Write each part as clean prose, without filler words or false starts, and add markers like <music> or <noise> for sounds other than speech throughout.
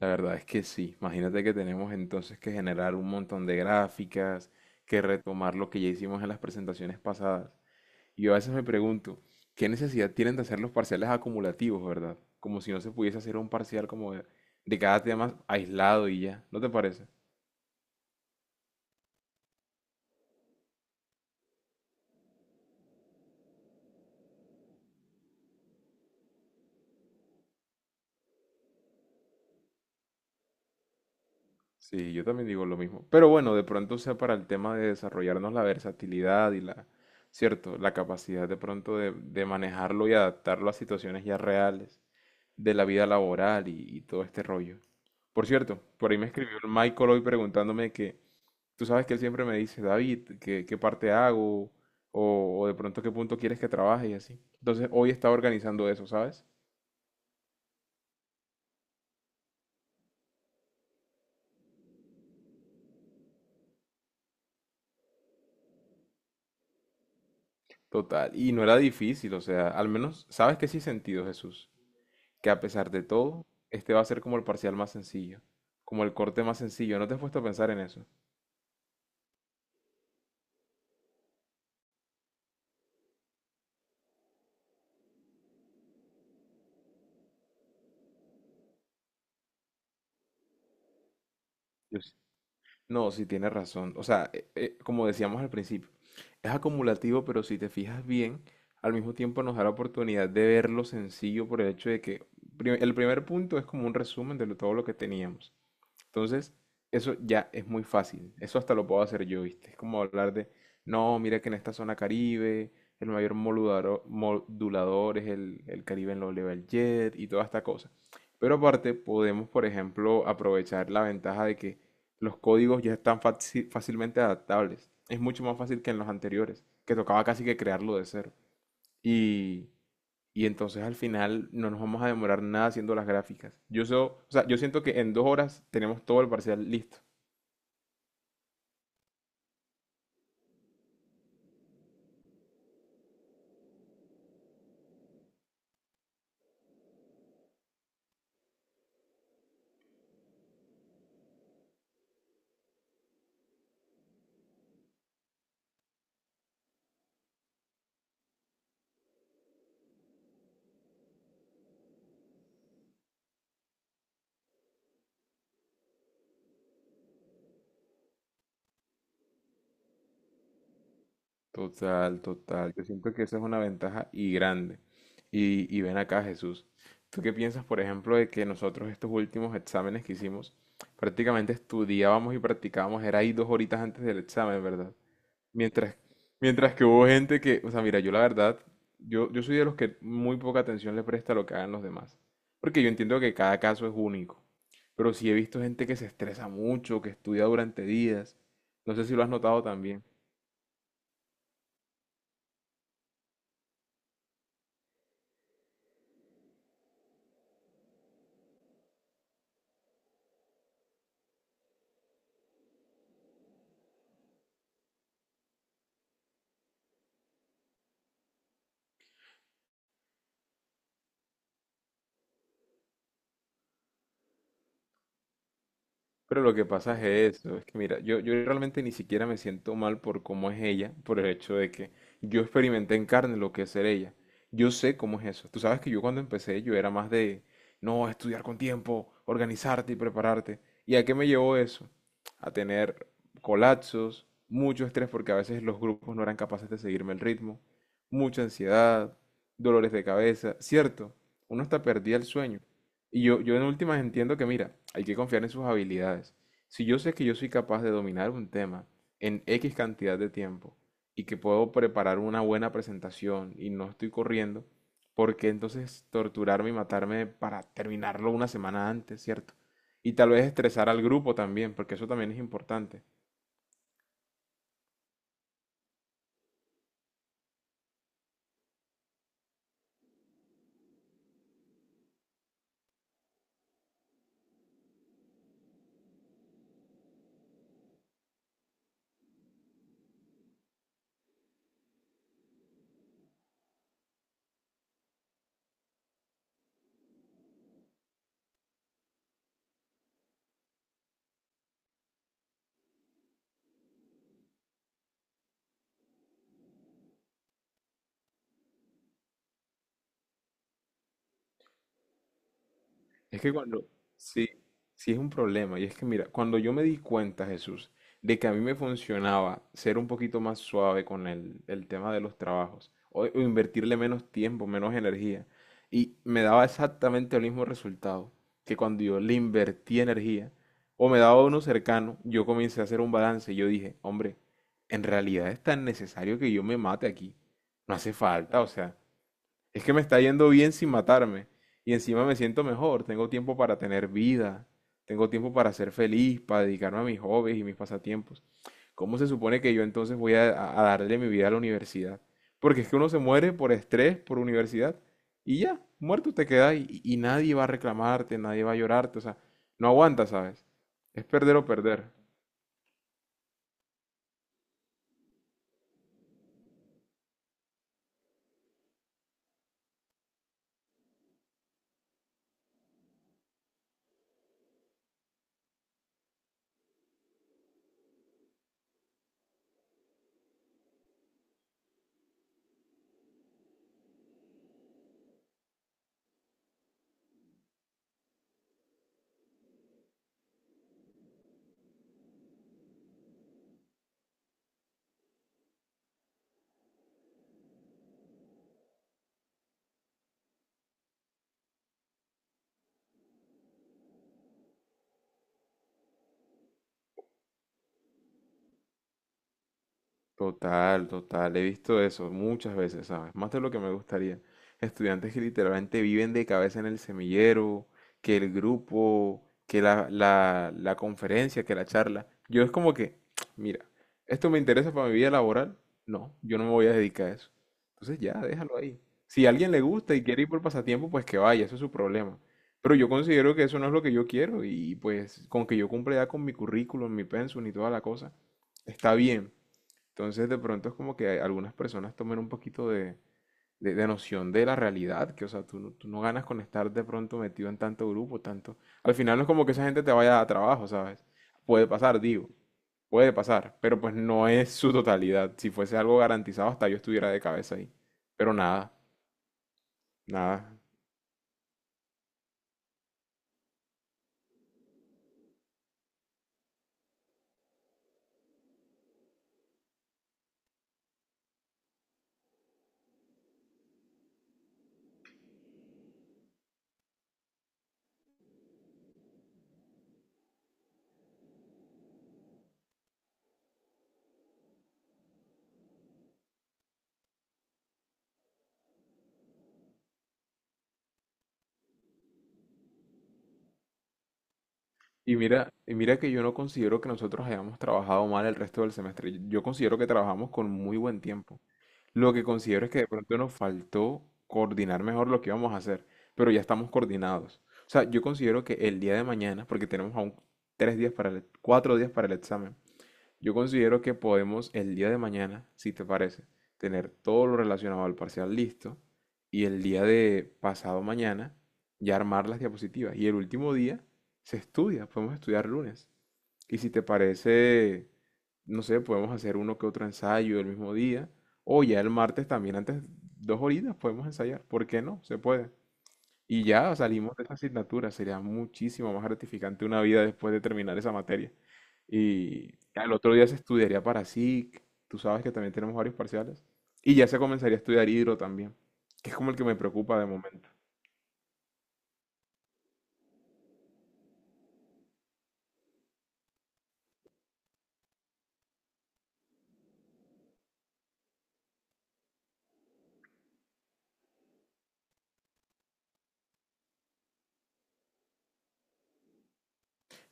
La verdad es que sí. Imagínate que tenemos entonces que generar un montón de gráficas, que retomar lo que ya hicimos en las presentaciones pasadas. Y yo a veces me pregunto, ¿qué necesidad tienen de hacer los parciales acumulativos, verdad? Como si no se pudiese hacer un parcial como de cada tema aislado y ya. ¿No te parece? Sí, yo también digo lo mismo. Pero bueno, de pronto sea para el tema de desarrollarnos la versatilidad y la, cierto, la capacidad de pronto de manejarlo y adaptarlo a situaciones ya reales de la vida laboral y todo este rollo. Por cierto, por ahí me escribió el Michael hoy preguntándome que, tú sabes que él siempre me dice, David, ¿qué parte hago? O de pronto qué punto quieres que trabaje y así. Entonces hoy estaba organizando eso, ¿sabes? Total. Y no era difícil, o sea, al menos, ¿sabes qué sí he sentido, Jesús? Que a pesar de todo, este va a ser como el parcial más sencillo, como el corte más sencillo. ¿No te has puesto a pensar en eso? No, sí tienes razón. O sea, como decíamos al principio, es acumulativo, pero si te fijas bien, al mismo tiempo nos da la oportunidad de verlo sencillo por el hecho de que el primer punto es como un resumen de todo lo que teníamos. Entonces, eso ya es muy fácil. Eso hasta lo puedo hacer yo, ¿viste? Es como hablar de, no, mira que en esta zona Caribe el mayor modulador es el Caribe en low level jet y toda esta cosa. Pero aparte, podemos, por ejemplo, aprovechar la ventaja de que los códigos ya están fácilmente adaptables. Es mucho más fácil que en los anteriores, que tocaba casi que crearlo de cero. Y y entonces al final no nos vamos a demorar nada haciendo las gráficas. Yo, o sea, yo siento que en 2 horas tenemos todo el parcial listo. Total, total. Yo siento que esa es una ventaja y grande. Y ven acá, Jesús. ¿Tú qué piensas, por ejemplo, de que nosotros estos últimos exámenes que hicimos, prácticamente estudiábamos y practicábamos, era ahí 2 horitas antes del examen, ¿verdad? Mientras, mientras que hubo gente que, o sea, mira, yo la verdad, yo soy de los que muy poca atención le presta a lo que hagan los demás. Porque yo entiendo que cada caso es único. Pero sí he visto gente que se estresa mucho, que estudia durante días. No sé si lo has notado también. Pero lo que pasa es eso, es que mira, yo realmente ni siquiera me siento mal por cómo es ella, por el hecho de que yo experimenté en carne lo que es ser ella. Yo sé cómo es eso. Tú sabes que yo cuando empecé yo era más de, no, estudiar con tiempo, organizarte y prepararte. ¿Y a qué me llevó eso? A tener colapsos, mucho estrés porque a veces los grupos no eran capaces de seguirme el ritmo, mucha ansiedad, dolores de cabeza, ¿cierto? Uno hasta perdía el sueño. Y yo en últimas entiendo que, mira, hay que confiar en sus habilidades. Si yo sé que yo soy capaz de dominar un tema en X cantidad de tiempo y que puedo preparar una buena presentación y no estoy corriendo, ¿por qué entonces torturarme y matarme para terminarlo una semana antes, ¿cierto? Y tal vez estresar al grupo también, porque eso también es importante. Es que cuando, sí, sí es un problema. Y es que mira, cuando yo me di cuenta, Jesús, de que a mí me funcionaba ser un poquito más suave con el tema de los trabajos, o invertirle menos tiempo, menos energía, y me daba exactamente el mismo resultado que cuando yo le invertí energía, o me daba uno cercano, yo comencé a hacer un balance y yo dije, hombre, en realidad es tan necesario que yo me mate aquí. No hace falta, o sea, es que me está yendo bien sin matarme. Y encima me siento mejor. Tengo tiempo para tener vida. Tengo tiempo para ser feliz, para dedicarme a mis hobbies y mis pasatiempos. ¿Cómo se supone que yo entonces voy a darle mi vida a la universidad? Porque es que uno se muere por estrés, por universidad. Y ya, muerto te quedas y nadie va a reclamarte, nadie va a llorarte. O sea, no aguantas, ¿sabes? Es perder o perder. Total, total. He visto eso muchas veces, ¿sabes? Más de lo que me gustaría. Estudiantes que literalmente viven de cabeza en el semillero, que el grupo, que la conferencia, que la charla. Yo es como que, <tsk> mira, ¿esto me interesa para mi vida laboral? No, yo no me voy a dedicar a eso. Entonces ya, déjalo ahí. Si a alguien le gusta y quiere ir por pasatiempo, pues que vaya, eso es su problema. Pero yo considero que eso no es lo que yo quiero y pues con que yo cumpla ya con mi currículum, mi pensum y toda la cosa, está bien. Entonces, de pronto es como que algunas personas tomen un poquito de noción de la realidad, que, o sea, tú, tú no ganas con estar de pronto metido en tanto grupo, tanto... Al final no es como que esa gente te vaya a trabajo, ¿sabes? Puede pasar, digo, puede pasar, pero pues no es su totalidad. Si fuese algo garantizado, hasta yo estuviera de cabeza ahí. Pero nada, nada, y mira, y mira que yo no considero que nosotros hayamos trabajado mal el resto del semestre. Yo considero que trabajamos con muy buen tiempo. Lo que considero es que de pronto nos faltó coordinar mejor lo que íbamos a hacer, pero ya estamos coordinados. O sea, yo considero que el día de mañana, porque tenemos aún 3 días para el, 4 días para el examen, yo considero que podemos el día de mañana, si te parece, tener todo lo relacionado al parcial listo y el día de pasado mañana ya armar las diapositivas. Y el último día se estudia, podemos estudiar lunes. Y si te parece, no sé, podemos hacer uno que otro ensayo el mismo día o ya el martes también antes, 2 horitas podemos ensayar. ¿Por qué no? Se puede. Y ya salimos de esa asignatura. Sería muchísimo más gratificante una vida después de terminar esa materia. Y al otro día se estudiaría para SIC. Tú sabes que también tenemos varios parciales. Y ya se comenzaría a estudiar hidro también, que es como el que me preocupa de momento.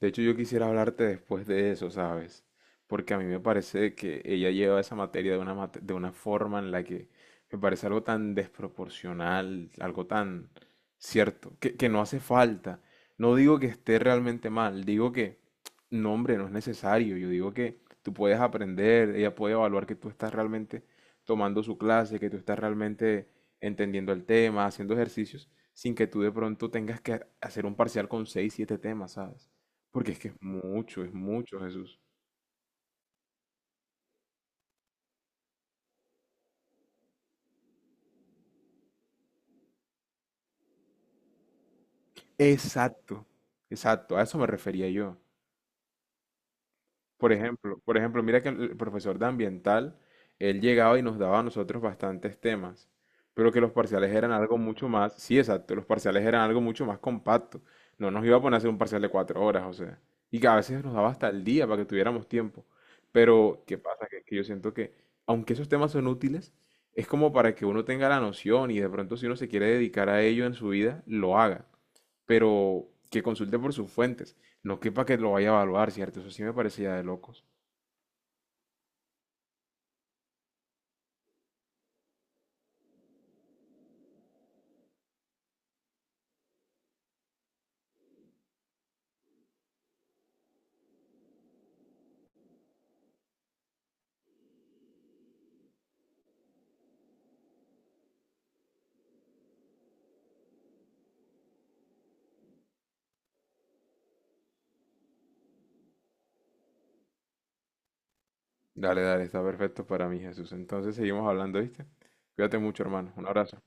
De hecho, yo quisiera hablarte después de eso, ¿sabes? Porque a mí me parece que ella lleva esa materia de una forma en la que me parece algo tan desproporcional, algo tan cierto, que no hace falta. No digo que esté realmente mal, digo que, <tsk> no, hombre, no es necesario. Yo digo que tú puedes aprender, ella puede evaluar que tú estás realmente tomando su clase, que tú estás realmente entendiendo el tema, haciendo ejercicios, sin que tú de pronto tengas que hacer un parcial con seis, siete temas, ¿sabes? Porque es que es mucho, Jesús. Exacto, exacto, a eso me refería yo. Por ejemplo, mira que el profesor de ambiental, él llegaba y nos daba a nosotros bastantes temas, pero que los parciales eran algo mucho más, sí, exacto, los parciales eran algo mucho más compacto. No nos iba a poner a hacer un parcial de 4 horas, o sea, y que a veces nos daba hasta el día para que tuviéramos tiempo. Pero, ¿qué pasa? Que yo siento que, aunque esos temas son útiles, es como para que uno tenga la noción y de pronto si uno se quiere dedicar a ello en su vida, lo haga pero que consulte por sus fuentes, no que para que lo vaya a evaluar, ¿cierto? Eso sí me parece ya de locos. Dale, dale, está perfecto para mí, Jesús. Entonces seguimos hablando, ¿viste? Cuídate mucho, hermano. Un abrazo.